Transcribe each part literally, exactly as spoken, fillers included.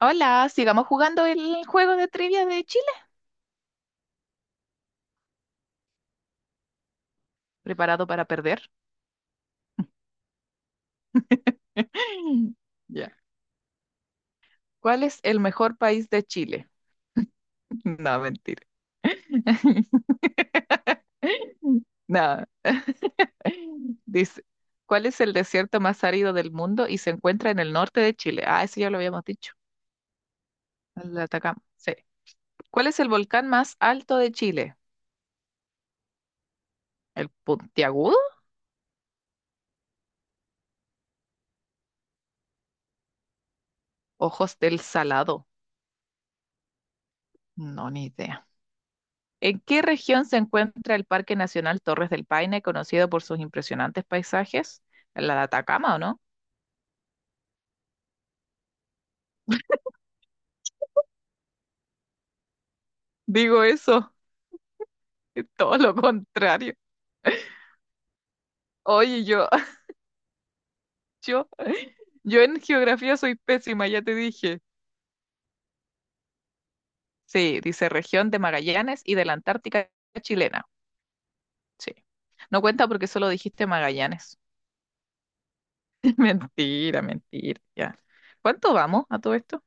Hola, sigamos jugando el juego de trivia de Chile. ¿Preparado para perder? Ya. ¿Cuál es el mejor país de Chile? No, mentira. No. Dice, ¿cuál es el desierto más árido del mundo y se encuentra en el norte de Chile? Ah, eso ya lo habíamos dicho. El de Atacama. Sí. ¿Cuál es el volcán más alto de Chile? ¿El Puntiagudo? ¿Ojos del Salado? No, ni idea. ¿En qué región se encuentra el Parque Nacional Torres del Paine, conocido por sus impresionantes paisajes? ¿La de Atacama o no? Digo eso, es todo lo contrario. Oye, yo, yo, yo en geografía soy pésima, ya te dije. Sí, dice región de Magallanes y de la Antártica chilena. Sí. No cuenta porque solo dijiste Magallanes. Mentira, mentira, ya. ¿Cuánto vamos a todo esto?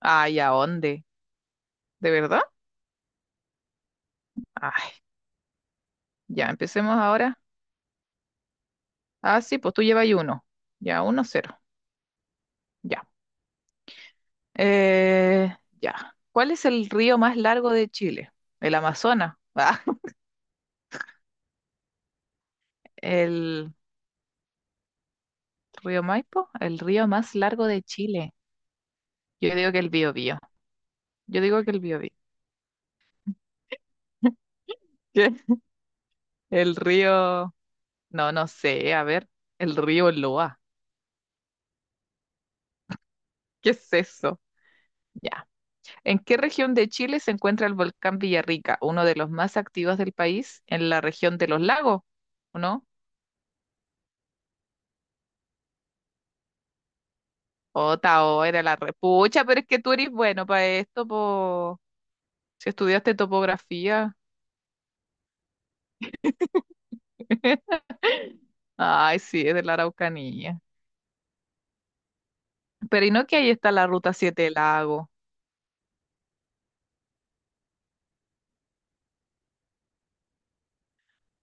Ay, ¿a dónde? ¿De verdad? Ay, ya, empecemos ahora. Ah, sí, pues tú llevas ahí uno. Ya, uno cero. Ya. Eh, ya. ¿Cuál es el río más largo de Chile? El Amazonas. Ah, el río Maipo, el río más largo de Chile. Yo digo que el Biobío. Yo digo que el Biobío. ¿Qué? El río. No, no sé. A ver, el río Loa. ¿Qué es eso? Ya. ¿En qué región de Chile se encuentra el volcán Villarrica, uno de los más activos del país en la región de los lagos? ¿O no? Ota, oh, era la repucha, pero es que tú eres bueno para esto, po. Si estudiaste topografía. Ay, sí, es de la Araucanía. Pero ¿y no que ahí está la Ruta siete Lago?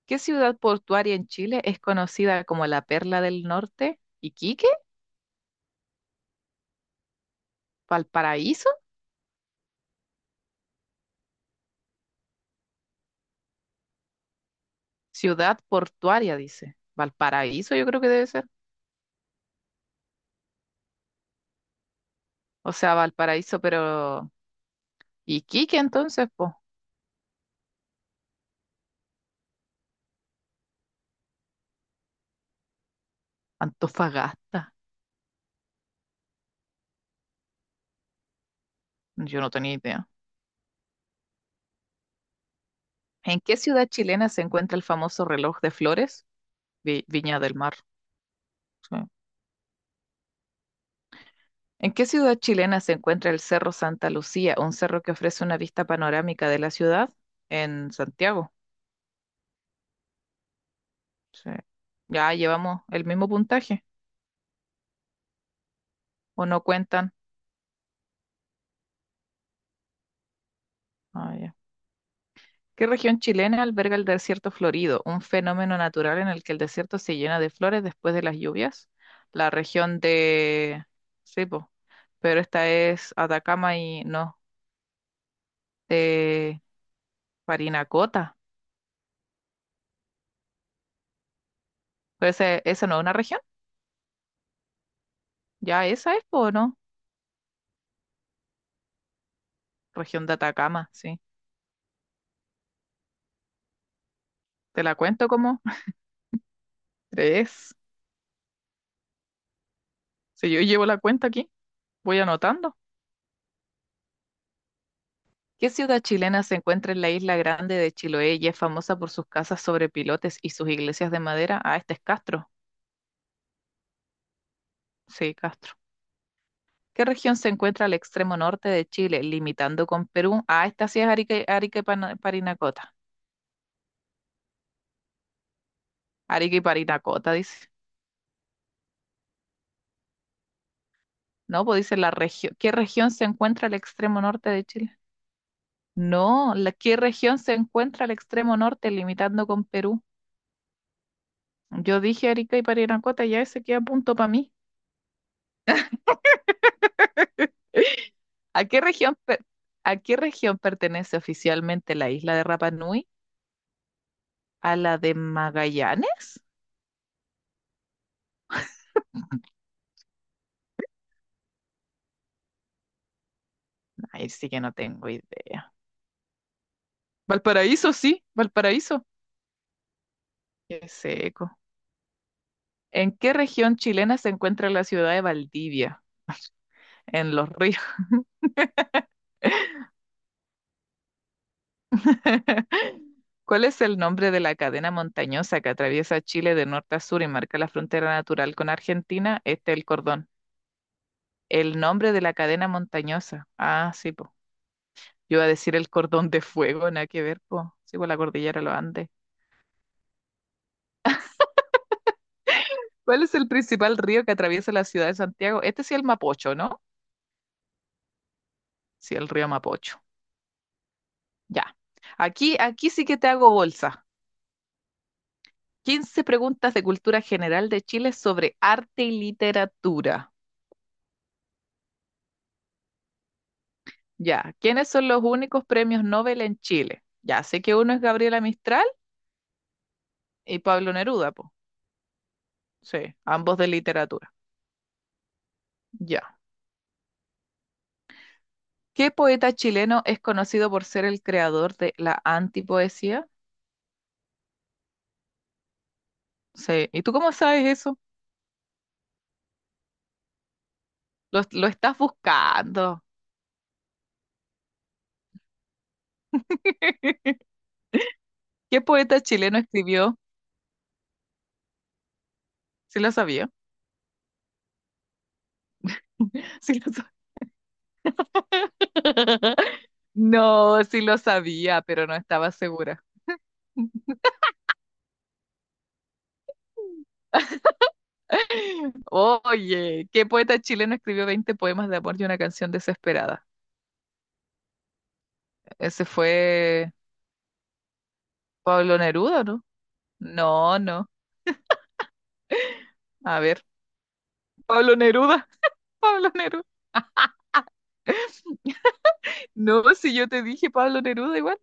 ¿Qué ciudad portuaria en Chile es conocida como la Perla del Norte? ¿Iquique? ¿Valparaíso? Ciudad portuaria, dice. Valparaíso yo creo que debe ser. O sea, Valparaíso, pero... ¿Iquique entonces, po? Antofagasta. Yo no tenía idea. ¿En qué ciudad chilena se encuentra el famoso reloj de flores? Vi- Viña del Mar. Sí. ¿En qué ciudad chilena se encuentra el Cerro Santa Lucía, un cerro que ofrece una vista panorámica de la ciudad? En Santiago. Sí. Ya llevamos el mismo puntaje, ¿o no cuentan? Ah, ya. ¿Qué región chilena alberga el desierto florido, un fenómeno natural en el que el desierto se llena de flores después de las lluvias? La región de... Sí, po. Pero esta es Atacama y no. De Parinacota. Pues ese, esa no es una región. Ya esa es, po, ¿o no? Región de Atacama, sí. Te la cuento como tres. Si yo llevo la cuenta aquí, voy anotando. ¿Qué ciudad chilena se encuentra en la isla grande de Chiloé y es famosa por sus casas sobre pilotes y sus iglesias de madera? Ah, este es Castro. Sí, Castro. ¿Qué región se encuentra al extremo norte de Chile, limitando con Perú? Ah, esta sí es Arica, y- Arica y Pana- Parinacota. Arica y Parinacota, dice. No, pues dice la región. ¿Qué región se encuentra al extremo norte de Chile? No, ¿la qué región se encuentra al extremo norte, limitando con Perú? Yo dije Arica y Parinacota, ya ese queda punto para mí. ¿A qué región, per- ¿A qué región pertenece oficialmente la isla de Rapa Nui? ¿A la de Magallanes? Ahí sí que no tengo idea. Valparaíso, sí, Valparaíso. Qué seco. ¿En qué región chilena se encuentra la ciudad de Valdivia? En los ríos. ¿Cuál es el nombre de la cadena montañosa que atraviesa Chile de norte a sur y marca la frontera natural con Argentina? Este es el cordón. El nombre de la cadena montañosa. Ah, sí, po. Yo iba a decir el cordón de fuego, nada que ver, po. Sí, po, la cordillera de los Andes. ¿Cuál es el principal río que atraviesa la ciudad de Santiago? Este sí es el Mapocho, ¿no? Sí, el río Mapocho. Ya. Aquí, aquí sí que te hago bolsa. Quince preguntas de cultura general de Chile sobre arte y literatura. Ya, ¿quiénes son los únicos premios Nobel en Chile? Ya, sé que uno es Gabriela Mistral y Pablo Neruda, po. Sí, ambos de literatura. Ya. ¿Qué poeta chileno es conocido por ser el creador de la antipoesía? Sí, ¿y tú cómo sabes eso? Lo, lo estás buscando. ¿Qué poeta chileno escribió? Sí lo sabía. Sí lo sa- No, sí lo sabía, pero no estaba segura. Oye, ¿qué poeta chileno escribió veinte poemas de amor y una canción desesperada? Ese fue Pablo Neruda, ¿no? No, no. A ver, Pablo Neruda, Pablo Neruda. No, si yo te dije Pablo Neruda igual.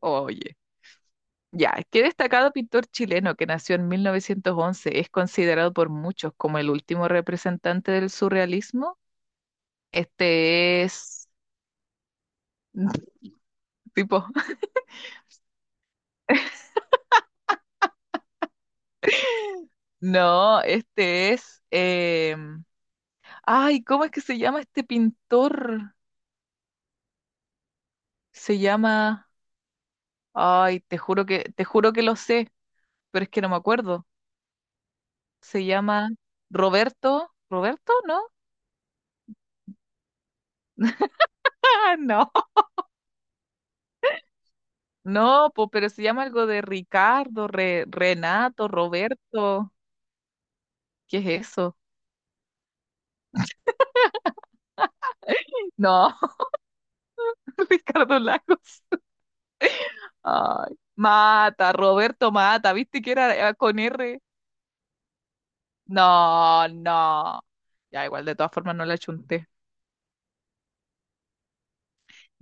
Oye, ya, qué destacado pintor chileno que nació en mil novecientos once es considerado por muchos como el último representante del surrealismo. Este es, tipo, no, este es, em, ay, ¿cómo es que se llama este pintor? Se llama, ay, te juro que, te juro que lo sé, pero es que no me acuerdo. Se llama Roberto. ¿Roberto? ¿No? Ah, no. No, po, pero se llama algo de Ricardo, Re- Renato, Roberto. ¿Qué es eso? No, Ricardo Lagos. Ay, Mata, Roberto Mata, ¿viste que era eh, con R? No, no. Ya igual, de todas formas no la chunté.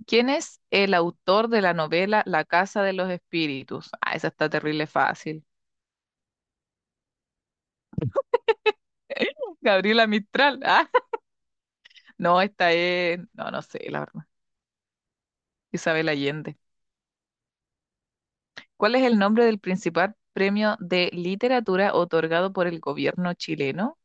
¿Quién es el autor de la novela La Casa de los Espíritus? Ah, esa está terrible fácil. Gabriela Mistral. Ah, no, esta es, no, no sé, la verdad. Isabel Allende. ¿Cuál es el nombre del principal premio de literatura otorgado por el gobierno chileno?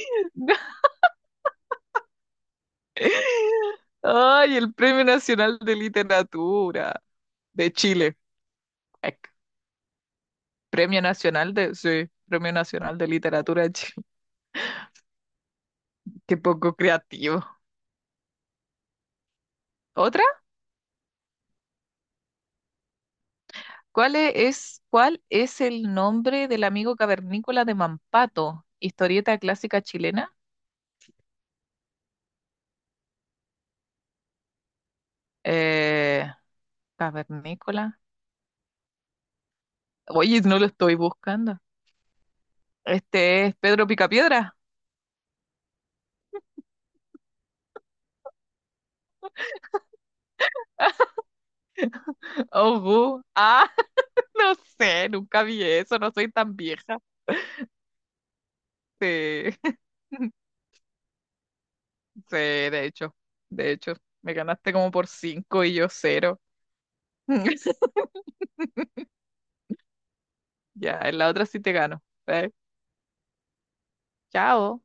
Ay, el Premio Nacional de Literatura de Chile. Ec. Premio Nacional de, sí, Premio Nacional de Literatura de Chile. Qué poco creativo. ¿Otra? ¿Cuál e-, es, ¿cuál es el nombre del amigo cavernícola de Mampato? Historieta clásica chilena. Eh, cavernícola. Oye, no lo estoy buscando. Este es Pedro Picapiedra. Oh, bu. Ah, no sé, nunca vi eso, no soy tan vieja. Sí, sí, de hecho, de hecho, me ganaste como por cinco y yo cero. Ya, en la otra sí te gano. Eh, Chao.